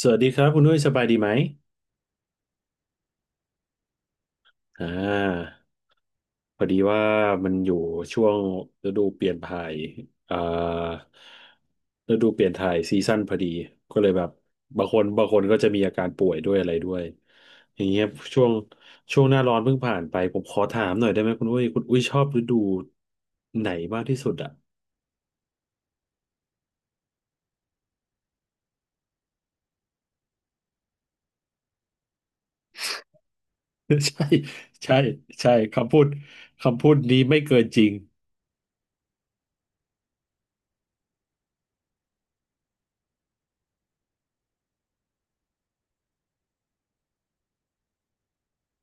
สวัสดีครับคุณนุ้ยสบายดีไหมอ่าพอดีว่ามันอยู่ช่วงฤดูเปลี่ยนถ่ายอ่าฤดูเปลี่ยนถ่ายซีซั่นพอดีก็เลยแบบบางคนก็จะมีอาการป่วยด้วยอะไรด้วยอย่างเงี้ยช่วงช่วงหน้าร้อนเพิ่งผ่านไปผมขอถามหน่อยได้ไหมคุณอุ้ยชอบฤดูไหนมากที่สุดอ่ะ ใช่ใช่ใช่คำพูดนี้ไม่เกินจริง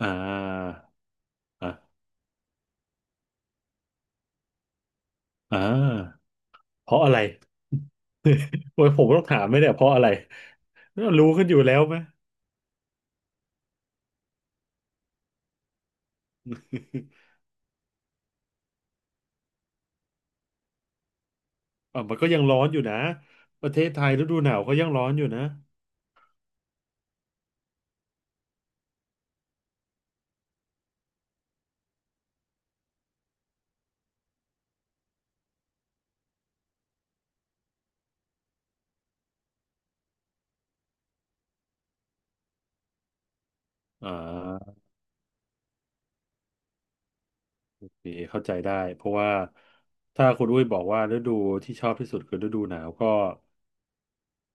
อ่าอ่าอ่า เพราะอะไร โอ้ยผมต้องถามไหมเนี่ยเพราะอะไรรู้กันอยู่แล้วไหม อ่ะมันก็ยังร้อนอยู่นะ ประเทศไทยฤดูหนาวก็ยังร้อนอยู่นะอ่านี่เข้าใจได้ เพราะว่าถ้าคุณอุ้ยบอกว่าฤดูที่ชอบที่สุดคือฤดูหนาวก็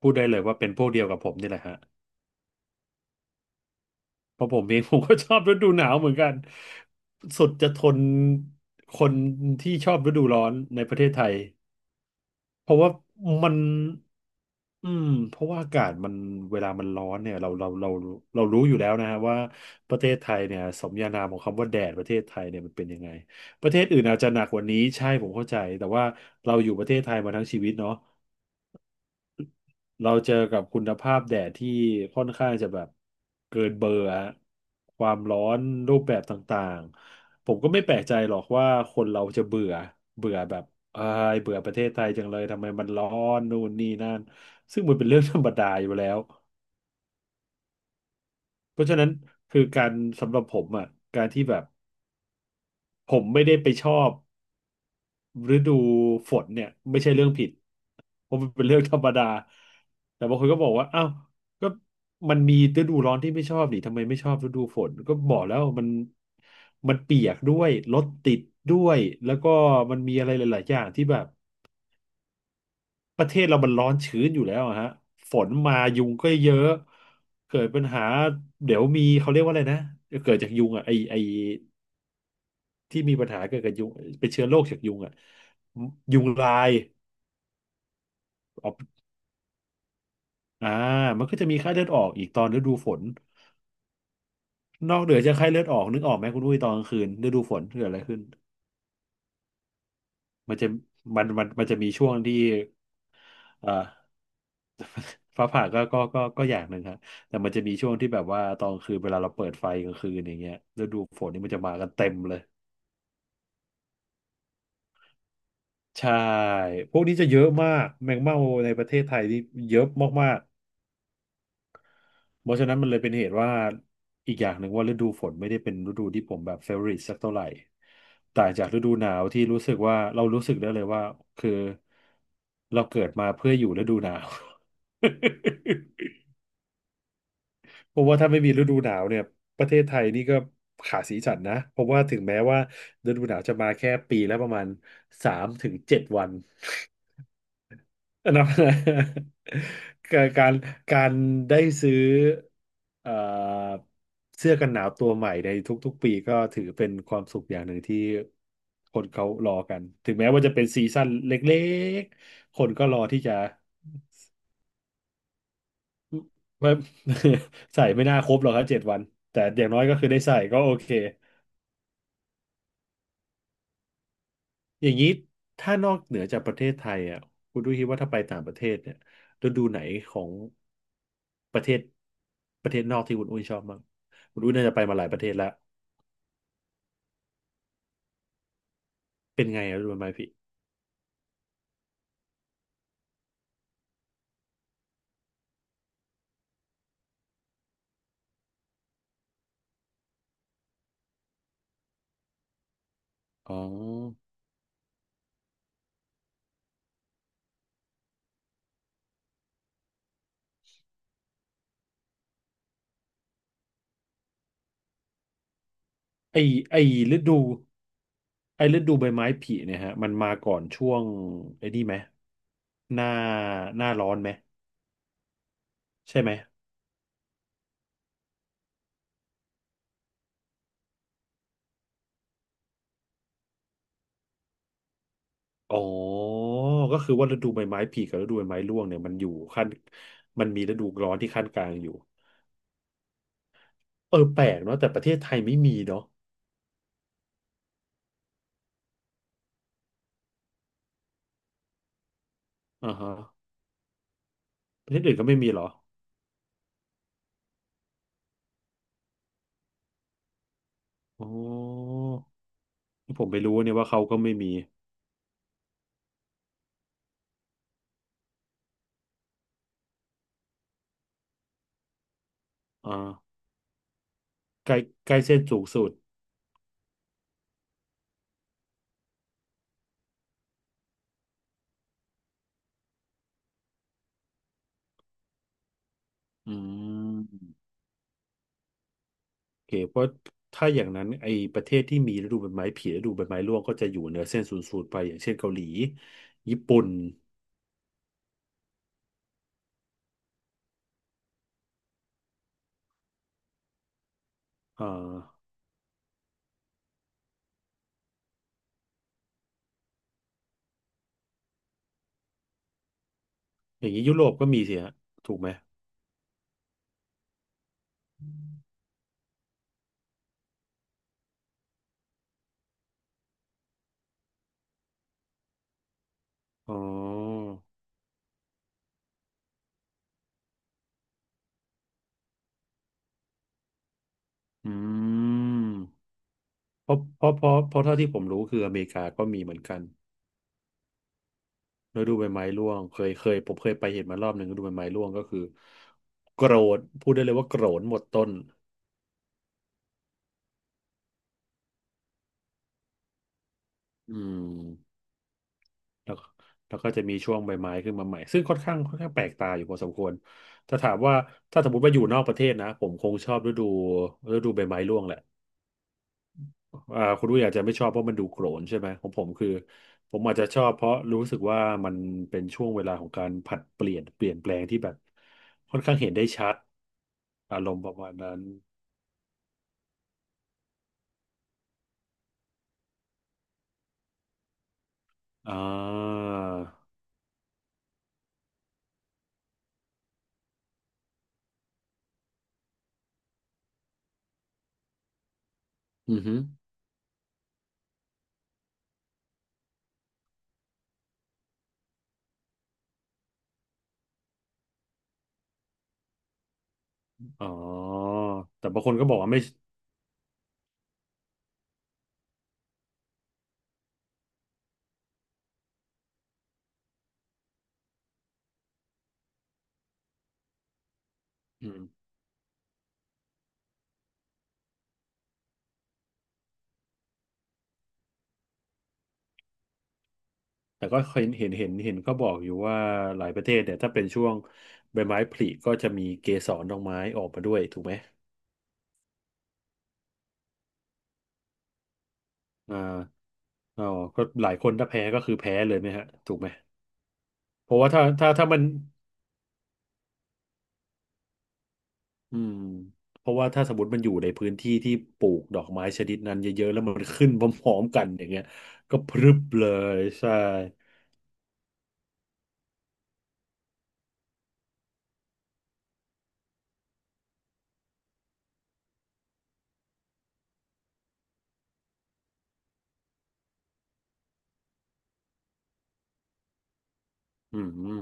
พูดได้เลยว่าเป็นพวกเดียวกับผมนี่แหละฮะเพราะผมเอง ผมก็ชอบฤดูหนาวเหมือนกันสุดจะทนคนที่ชอบฤดูร้อนในประเทศไทย เพราะว่ามันเพราะว่าอากาศมันเวลามันร้อนเนี่ยเรารู้อยู่แล้วนะฮะว่าประเทศไทยเนี่ยสมญานามของคำว่าแดดประเทศไทยเนี่ยมันเป็นยังไงประเทศอื่นอาจจะหนักกว่านี้ใช่ผมเข้าใจแต่ว่าเราอยู่ประเทศไทยมาทั้งชีวิตเนาะ เราเจอกับคุณภาพแดดที่ค่อนข้างจะแบบเกินเบอร์ฮะความร้อนรูปแบบต่างๆผมก็ไม่แปลกใจหรอกว่าคนเราจะเบื่อเบื่อแบบเอ้ยเบื่อประเทศไทยจังเลยทำไมมันร้อนนู่นนี่นั่นซึ่งมันเป็นเรื่องธรรมดาอยู่แล้วเพราะฉะนั้นคือการสำหรับผมอ่ะการที่แบบผมไม่ได้ไปชอบ ฤดูฝนเนี่ยไม่ใช่เรื่องผิดเพราะมันเป็นเรื่องธรรมดาแต่บางคนก็บอกว่าอ้าวก็มันมีฤดูร้อนที่ไม่ชอบดิทำไมไม่ชอบฤดูฝนก็บอกแล้วมันเปียกด้วยรถติดด้วยแล้วก็มันมีอะไรหลายๆอย่างที่แบบประเทศเรามันร้อนชื้นอยู่แล้วอะฮะฝนมายุงก็เยอะเกิดปัญหาเดี๋ยวมีเขาเรียกว่าอะไรนะเกิดจากยุงอ่ะไอที่มีปัญหาเกิดกับยุงเป็นเชื้อโรคจากยุงอ่ะยุงลาย อ่ามันก็จะมีไข้เลือดออกอีกตอนฤดูฝนนอกเหนือจากไข้เลือดออกนึกออกไหมคุณอุ้ยตอนกลางคืนฤดูฝนเกิดอะไรขึ้นมันจะมันจะมีช่วงที่เอ่อ ฟ้าผ่าก็อย่างหนึ่งครับแต่มันจะมีช่วงที่แบบว่าตอนกลางคืนเวลาเราเปิดไฟกลางคืนอย่างเงี้ยฤดูฝนนี่มันจะมากันเต็มเลยใช่พวกนี้จะเยอะมากแมงเม่าในประเทศไทยนี่เยอะมาก เพราะฉะนั้นมันเลยเป็นเหตุว่าอีกอย่างหนึ่งว่าฤดูฝนไม่ได้เป็นฤดูที่ผมแบบเฟ v o r ริ e สักเท่าไหร่ต่างจากฤดูหนาวที่รู้สึกว่าเรารู้สึกได้เลยว่าคือเราเกิดมาเพื่ออยู่ฤดูหนาว เพราะว่าถ้าไม่มีฤดูหนาวเนี่ยประเทศไทยนี่ก็ขาดสีสันนะเพราะว่าถึงแม้ว่าฤดูหนาวจะมาแค่ปีละประมาณสามถึงเจ็ดวัน อันนั้น การการการได้ซื้อเอ่อเสื้อกันหนาวตัวใหม่ในทุกๆปีก็ถือเป็นความสุขอย่างหนึ่งที่คนเขารอกันถึงแม้ว่าจะเป็นซีซั่นเล็กๆคนก็รอที่จะ ว่า ใส่ไม่น่าครบหรอกครับเจ็ดวันแต่อย่างน้อยก็คือได้ใส่ก็โอเค อย่างนี้ถ้านอกเหนือจากประเทศไทยอ่ะคุณดูคิดว่าถ้าไปต่างประเทศเนี่ยฤดูไหนของประเทศประเทศนอกที่คุณอุ้ยชอบมั้างคุณอุ้ยน่าจะไปมาหลายประเทศแล้วเป็นไงอะฤดูใบไม้ผลิอ๋อไอไอฤดูไอฤดูใบไม้ผลิเนี่ยฮะมันมาก่อนช่วงไอ้นี่ไหมหน้าหน้าร้อนไหมใช่ไหมอ๋อก็คือว่าฤดูใบไม้ผลิกับฤดูใบไม้ร่วงเนี่ยมันอยู่ขั้นมันมีฤดูร้อนที่ขั้นกลางอยู่ เออแปลกเนาะแต่ประเทศไทยไม่มีเนาะอ่าฮะประเทศอื่นก็ไม่มีเหรออ๋อผมไม่รู้เนี่ยว่าเขาก็ไม่มีอ่าใกล้ใกล้เส้นสูงสุดอืมโอเคเพราะถ้าอย่างนั้นไอ้ประเทศที่มีฤดูใบไม้ผลิฤดูใบไม้ร่วงก็จะอยู่เหนือเส้นศูนย์สูตรไปอย่างเช่นเกาหลีญี่ปุ่นอ่าอย่างนี้ยุโรปก็มีสิฮะถูกไหมอ๋ออืมเพราะเพราะเพราะเพราะเท่าที่ผมรู้คืออเมริกาก็มีเหมือนกัน ฤดูใบไม้ร่วง เคยเคยผมเคยไปเห็นมารอบหนึ่งฤดูใบไม้ร่วงก็คือโกรนพูดได้เลยว่าโกรนหมดต้นอืมแล้วแล้วก็จะมีช่วงใบไม้ขึ้นมาใหม่ ซึ่งค่อนข้างแปลกตาอยู่พอสมควรถ้าถามว่า ถ้าสมมติว่าอยู่นอกประเทศนะ ผมคงชอบฤดูใบไม้ร่วงแหละคุณรู้อยาจจะไม่ชอบเพราะมันดูโกรนใช่ไหมของผมคือผมอาจจะชอบเพราะรู้สึกว่ามันเป็นช่วงเวลาของการผลัดเปลี่ยนเปลี่ยนแปลงที่แบบค่อนข้างเห็นได้ชัดอารมณ์ประมาณนั้น อ่าอือฮึอ๋อแต่บางคนก็บอกว่าไม่อืมแต่ก็เห็นก็บอกอยู่ว่าหลายประเทศเนี่ยถ้าเป็นช่วงใบไม้ผลิก็จะมีเกสรดอกไม้ออกมาด้วยถูกไหม อ่าอ๋อก็หลายคนถ้าแพ้ก็คือแพ้เลยไหมฮะถูกไหม เพราะว่าถ้ามันอืมเพราะว่าถ้าสมมติมันอยู่ในพื้นที่ที่ปลูกดอกไม้ชนิดนั้นเยอะๆแล้วมันขึ้นพร้อมๆกันอย่างเงี้ยก็พรึบเลยใช่อืม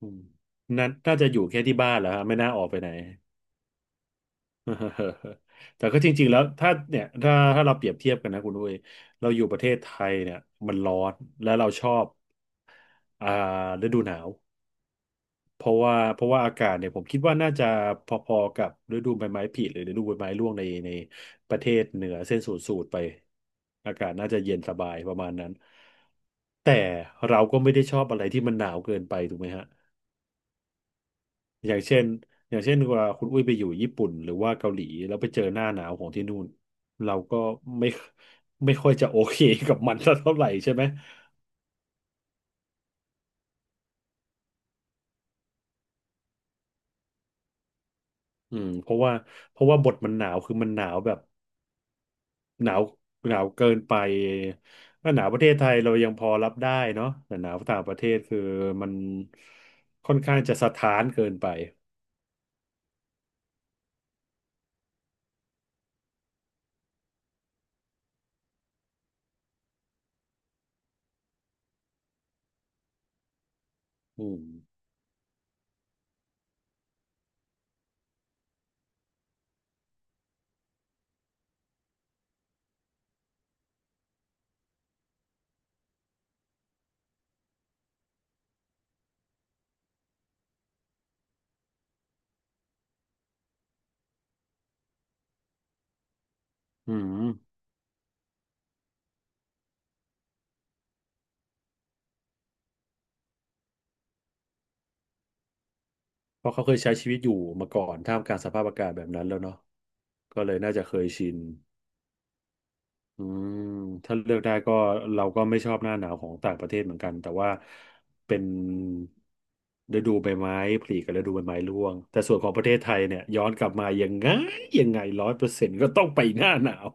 อืมนั่นน่าจะอยู่แค่ที่บ้านแหล้วฮะไม่น่าออกไปไหน แต่ก็จริงๆแล้วถ้าเนี่ยถ้าเราเปรียบเทียบกันนะคุณด้วยเราอยู่ประเทศไทยเนี่ยมันร้อนและเราชอบอ่าฤดูหนาวเพราะว่าอากาศเนี่ยผมคิดว่าน่าจะพอๆกับฤดูใบไม้ผลิหรือฤดูใบไม้ร่วงในประเทศเหนือเส้นศูนย์สูตรไปอากาศน่าจะเย็นสบายประมาณนั้นแต่เราก็ไม่ได้ชอบอะไรที่มันหนาวเกินไปถูกไหมฮะ อย่างเช่นอย่างเช่นว่าคุณอุ้ยไปอยู่ญี่ปุ่นหรือว่าเกาหลีแล้วไปเจอหน้าหนาวของที่นู่นเราก็ไม่ไม่ค่อยจะโอเคกับมันสักเท่าไหร่ใช่ไหมอืมเพราะว่าบทมันหนาวคือมันหนาวแบบหนาวหนาวเกินไปถ้าหนาวประเทศไทยเรายังพอรับได้เนาะแต่หนาวต่างประเทศคือมันค่อนข้างจะสถานเกินไปอืมอืมเพราะเขาเคยใช้ชีวิตอยู่มาก่อนท่ามกลางสภาพอากาศแบบนั้นแล้วเนาะก็เลยน่าจะเคยชิน อืมถ้าเลือกได้ก็เราก็ไม่ชอบหน้าหนาวของต่างประเทศเหมือนกันแต่ว่าเป็นฤดูใบไม้ผลิกับฤดูใบไม้ร่วงแต่ส่วนของประเทศไทยเนี่ยย้อนกลับมายังไง100%ก็ต้องไปหน้าหนาว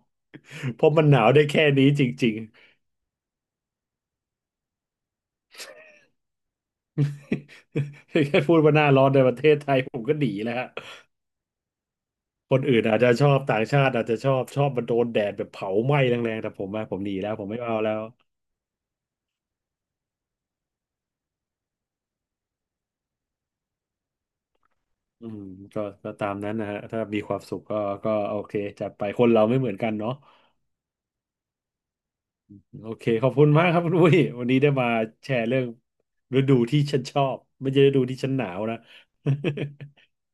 เพราะมันหนาวได้แค่นี้จริงๆ แค่พูดว่าหน้าร้อนในประเทศไทยผมก็หนีแล้วฮะคนอื่นอาจจะชอบต่างชาติอาจจะชอบมันโดนแดดแบบเผาไหม้แรงๆแต่ผมอะผมหนีแล้วผมไม่เอาแล้ว อืมก็ตามนั้นนะฮะถ้ามีความสุขก็ก็โอเคจัดไปคนเราไม่เหมือนกันเนาะโอเคขอบคุณมากครับคุณอุ้ยวันนี้ได้มาแชร์เรื่องฤดูที่ฉันชอบไม่ใช่ฤดูที่ฉันหนาวนะ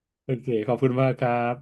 โอเคขอบคุณมากครับ